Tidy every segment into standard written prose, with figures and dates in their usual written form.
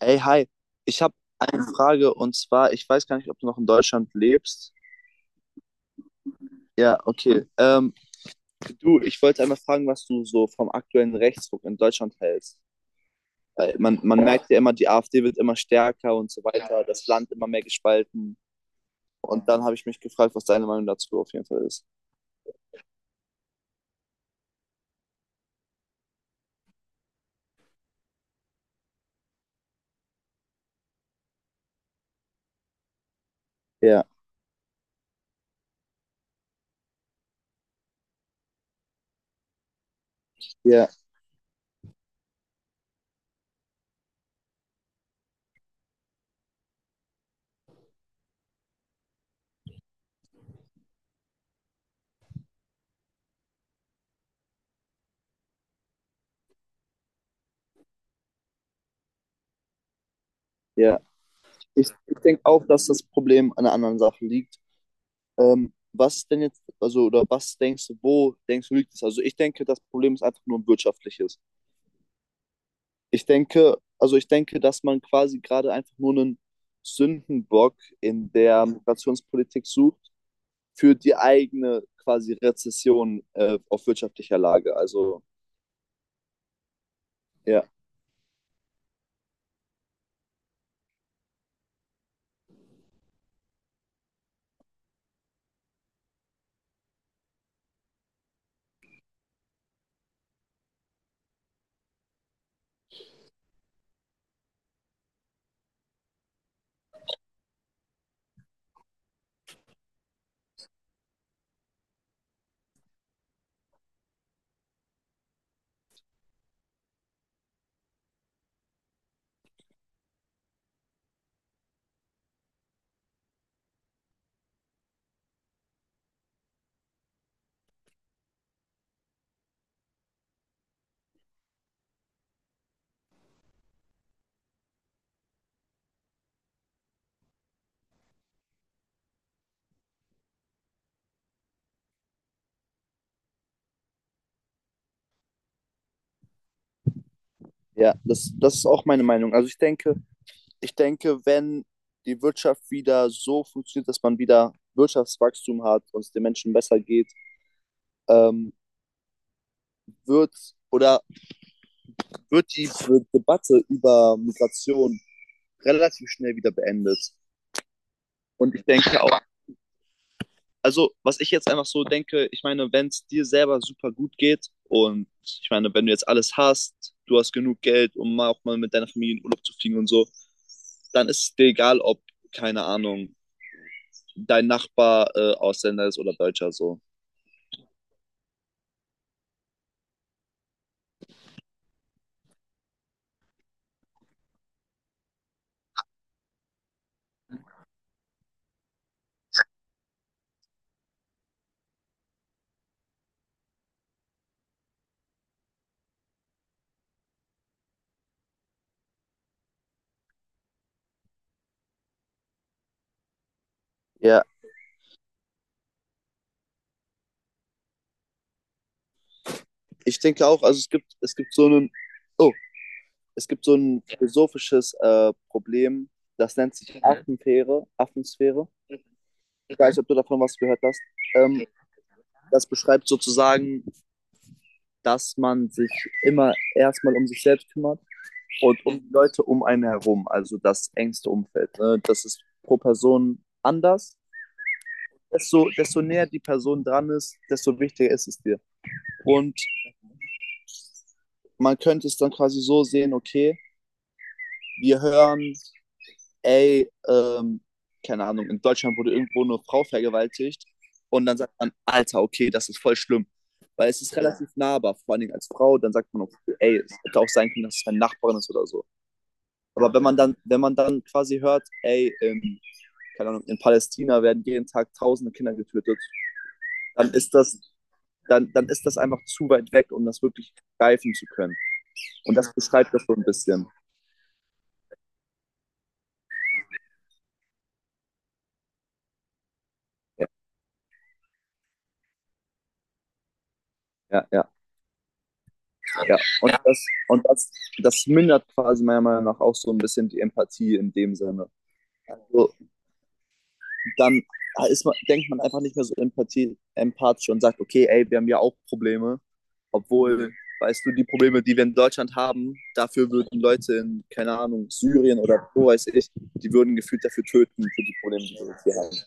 Ey, hi. Ich habe eine Frage und zwar, ich weiß gar nicht, ob du noch in Deutschland lebst. Ja, okay. Du, ich wollte einmal fragen, was du so vom aktuellen Rechtsruck in Deutschland hältst. Weil man merkt ja immer, die AfD wird immer stärker und so weiter, das Land immer mehr gespalten. Und dann habe ich mich gefragt, was deine Meinung dazu auf jeden Fall ist. Ja, ja, ja. Ich denke auch, dass das Problem an einer anderen Sache liegt. Was ist denn jetzt, also, oder was denkst du, wo denkst du, liegt es? Also, ich denke, das Problem ist einfach nur ein wirtschaftliches. Ich denke, also ich denke, dass man quasi gerade einfach nur einen Sündenbock in der Migrationspolitik sucht für die eigene quasi Rezession auf wirtschaftlicher Lage. Also ja, ja, das ist auch meine Meinung. Also ich denke, wenn die Wirtschaft wieder so funktioniert, dass man wieder Wirtschaftswachstum hat und es den Menschen besser geht, ähm, wird oder wird die Debatte über Migration relativ schnell wieder beendet. Und ich denke auch, also, was ich jetzt einfach so denke, ich meine, wenn es dir selber super gut geht und ich meine, wenn du jetzt alles hast, du hast genug Geld, um mal auch mal mit deiner Familie in Urlaub zu fliegen und so, dann ist es dir egal, ob, keine Ahnung, dein Nachbar Ausländer ist oder Deutscher so. Ja, ich denke auch, also oh, es gibt so ein philosophisches Problem, das nennt sich Affenfähre, Affensphäre. Ich weiß nicht, ob du davon was gehört hast. Ähm, das beschreibt sozusagen, dass man sich immer erstmal um sich selbst kümmert und um die Leute um einen herum, also das engste Umfeld. Ne? Das ist pro Person anders. Desto näher die Person dran ist, desto wichtiger ist es dir. Und man könnte es dann quasi so sehen, okay, wir hören, ey, keine Ahnung, in Deutschland wurde irgendwo eine Frau vergewaltigt und dann sagt man, Alter, okay, das ist voll schlimm. Weil es ist relativ nahbar, vor allen Dingen als Frau, dann sagt man, okay, ey, es hätte auch sein können, dass es meine Nachbarin ist oder so. Aber wenn man dann quasi hört, ey, in, keine Ahnung, in Palästina werden jeden Tag tausende Kinder getötet, dann ist das, dann, dann ist das einfach zu weit weg, um das wirklich greifen zu können. Und das beschreibt das so ein bisschen. Ja, ja, ja. Ja. Und, das, und das mindert quasi meiner Meinung nach auch so ein bisschen die Empathie in dem Sinne. Also dann denkt man einfach nicht mehr so empathisch und sagt, okay, ey, wir haben ja auch Probleme. Obwohl, weißt du, die Probleme, die wir in Deutschland haben, dafür würden Leute in, keine Ahnung, Syrien oder wo weiß ich, die würden gefühlt dafür töten, für die Probleme, die wir hier haben.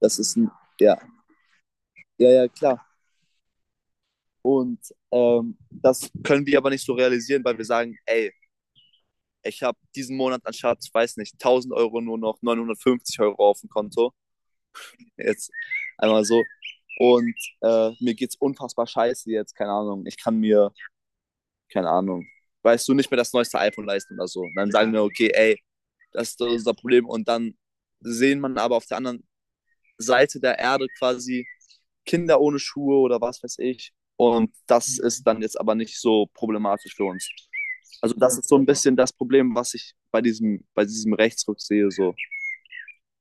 Das ist ein, ja, ja, ja, klar. Und das können wir aber nicht so realisieren, weil wir sagen, ey, ich habe diesen Monat anstatt, weiß nicht, 1.000 Euro nur noch 950 Euro auf dem Konto. Jetzt einmal so. Und mir geht's unfassbar scheiße jetzt, keine Ahnung. Ich kann mir keine Ahnung, weißt du, nicht mehr das neueste iPhone leisten oder so. Und dann sagen wir, okay, ey, das ist unser Problem. Und dann sehen man aber auf der anderen Seite der Erde quasi Kinder ohne Schuhe oder was weiß ich. Und das ist dann jetzt aber nicht so problematisch für uns. Also das ist so ein bisschen das Problem, was ich bei diesem Rechtsruck sehe. So.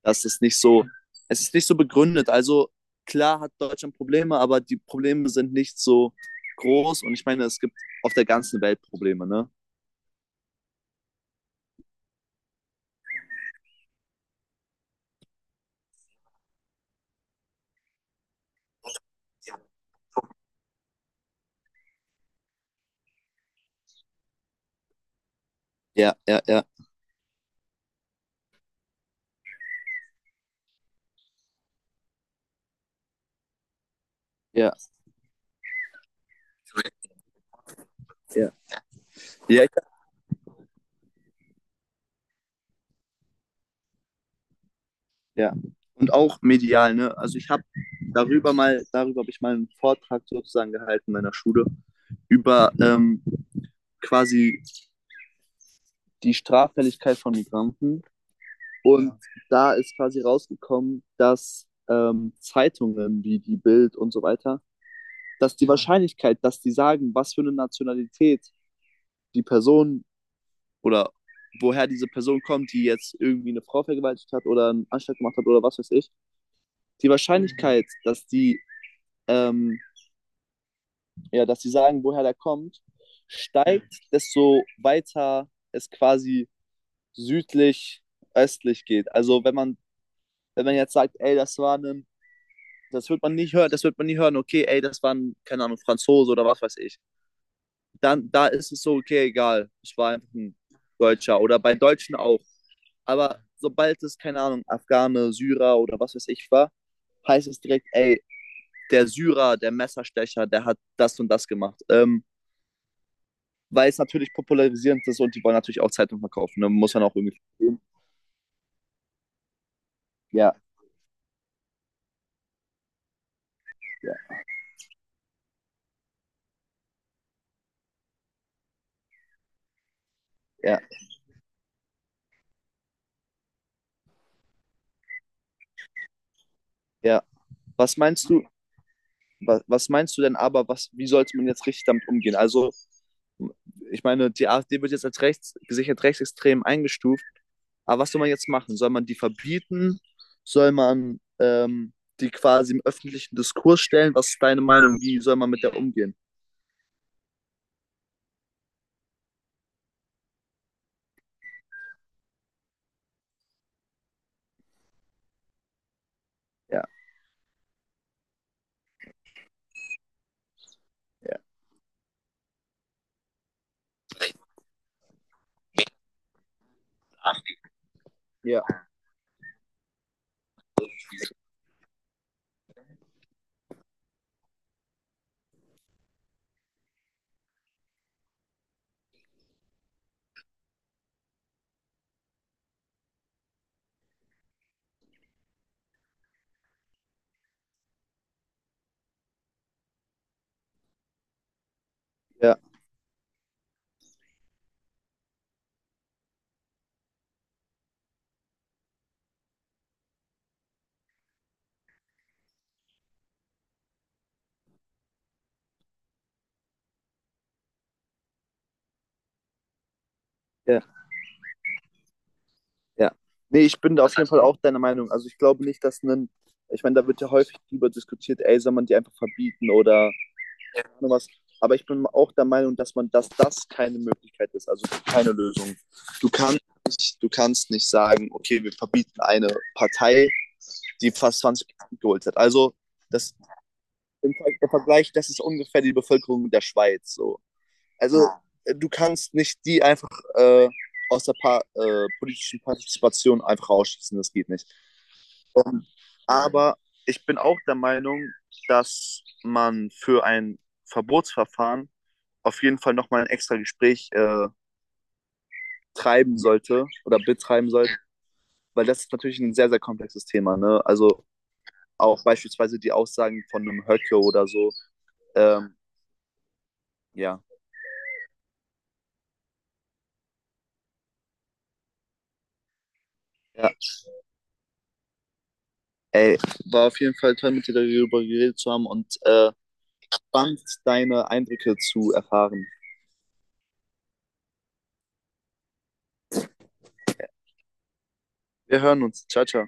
Das ist nicht so, Es ist nicht so begründet. Also klar hat Deutschland Probleme, aber die Probleme sind nicht so groß. Und ich meine, es gibt auf der ganzen Welt Probleme, ne? Ja, ja, ja, ja, ja. Ja, ich, ja. Und auch medial, ne? Also ich habe darüber mal, darüber habe ich mal einen Vortrag sozusagen gehalten in meiner Schule über quasi die Straffälligkeit von Migranten. Und da ist quasi rausgekommen, dass Zeitungen wie die Bild und so weiter, dass die Wahrscheinlichkeit, dass die sagen, was für eine Nationalität die Person oder woher diese Person kommt, die jetzt irgendwie eine Frau vergewaltigt hat oder einen Anschlag gemacht hat oder was weiß ich, die Wahrscheinlichkeit, ähm, ja, dass sie sagen, woher der kommt, steigt, desto weiter es quasi südlich, östlich geht. Also wenn man jetzt sagt, ey, das wird man nicht hören, das wird man nie hören, okay, ey, das war ein, keine Ahnung, Franzose oder was weiß ich. Dann, da ist es so, okay, egal, ich war einfach ein Deutscher oder bei Deutschen auch. Aber sobald es, keine Ahnung, Afghane, Syrer oder was weiß ich war, heißt es direkt, ey, der Syrer, der Messerstecher, der hat das und das gemacht. Weil es natürlich popularisierend ist und die wollen natürlich auch Zeitung verkaufen. Ne? Muss man auch irgendwie verstehen. Ja, ja, ja, ja. Was meinst du, was, was meinst du denn aber, was, wie sollte man jetzt richtig damit umgehen? Also, ich meine, die AfD wird jetzt als gesichert rechtsextrem eingestuft. Aber was soll man jetzt machen? Soll man die verbieten? Soll man die quasi im öffentlichen Diskurs stellen? Was ist deine Meinung? Wie soll man mit der umgehen? Ja, ja, ja, ja, ja. Ja. Nee, ich bin da auf jeden Fall auch deiner Meinung. Also ich glaube nicht, dass ein, ich meine, da wird ja häufig drüber diskutiert, ey, soll man die einfach verbieten oder, ja, nur was. Aber ich bin auch der Meinung, dass man, dass das keine Möglichkeit ist, also keine Lösung. Du kannst, du kannst nicht sagen, okay, wir verbieten eine Partei, die fast 20% geholt hat. Also das im Vergleich, das ist ungefähr die Bevölkerung der Schweiz. So. Also du kannst nicht die einfach äh, aus der pa politischen Partizipation einfach ausschließen, das geht nicht. Ähm, aber ich bin auch der Meinung, dass man für ein Verbotsverfahren auf jeden Fall nochmal ein extra Gespräch treiben sollte oder betreiben sollte, weil das ist natürlich ein sehr, sehr komplexes Thema. Ne? Also auch beispielsweise die Aussagen von einem Höcke oder so. Ähm, ja. Ja. Ey, war auf jeden Fall toll, mit dir darüber geredet zu haben und spannend, deine Eindrücke zu erfahren. Wir hören uns. Ciao, ciao.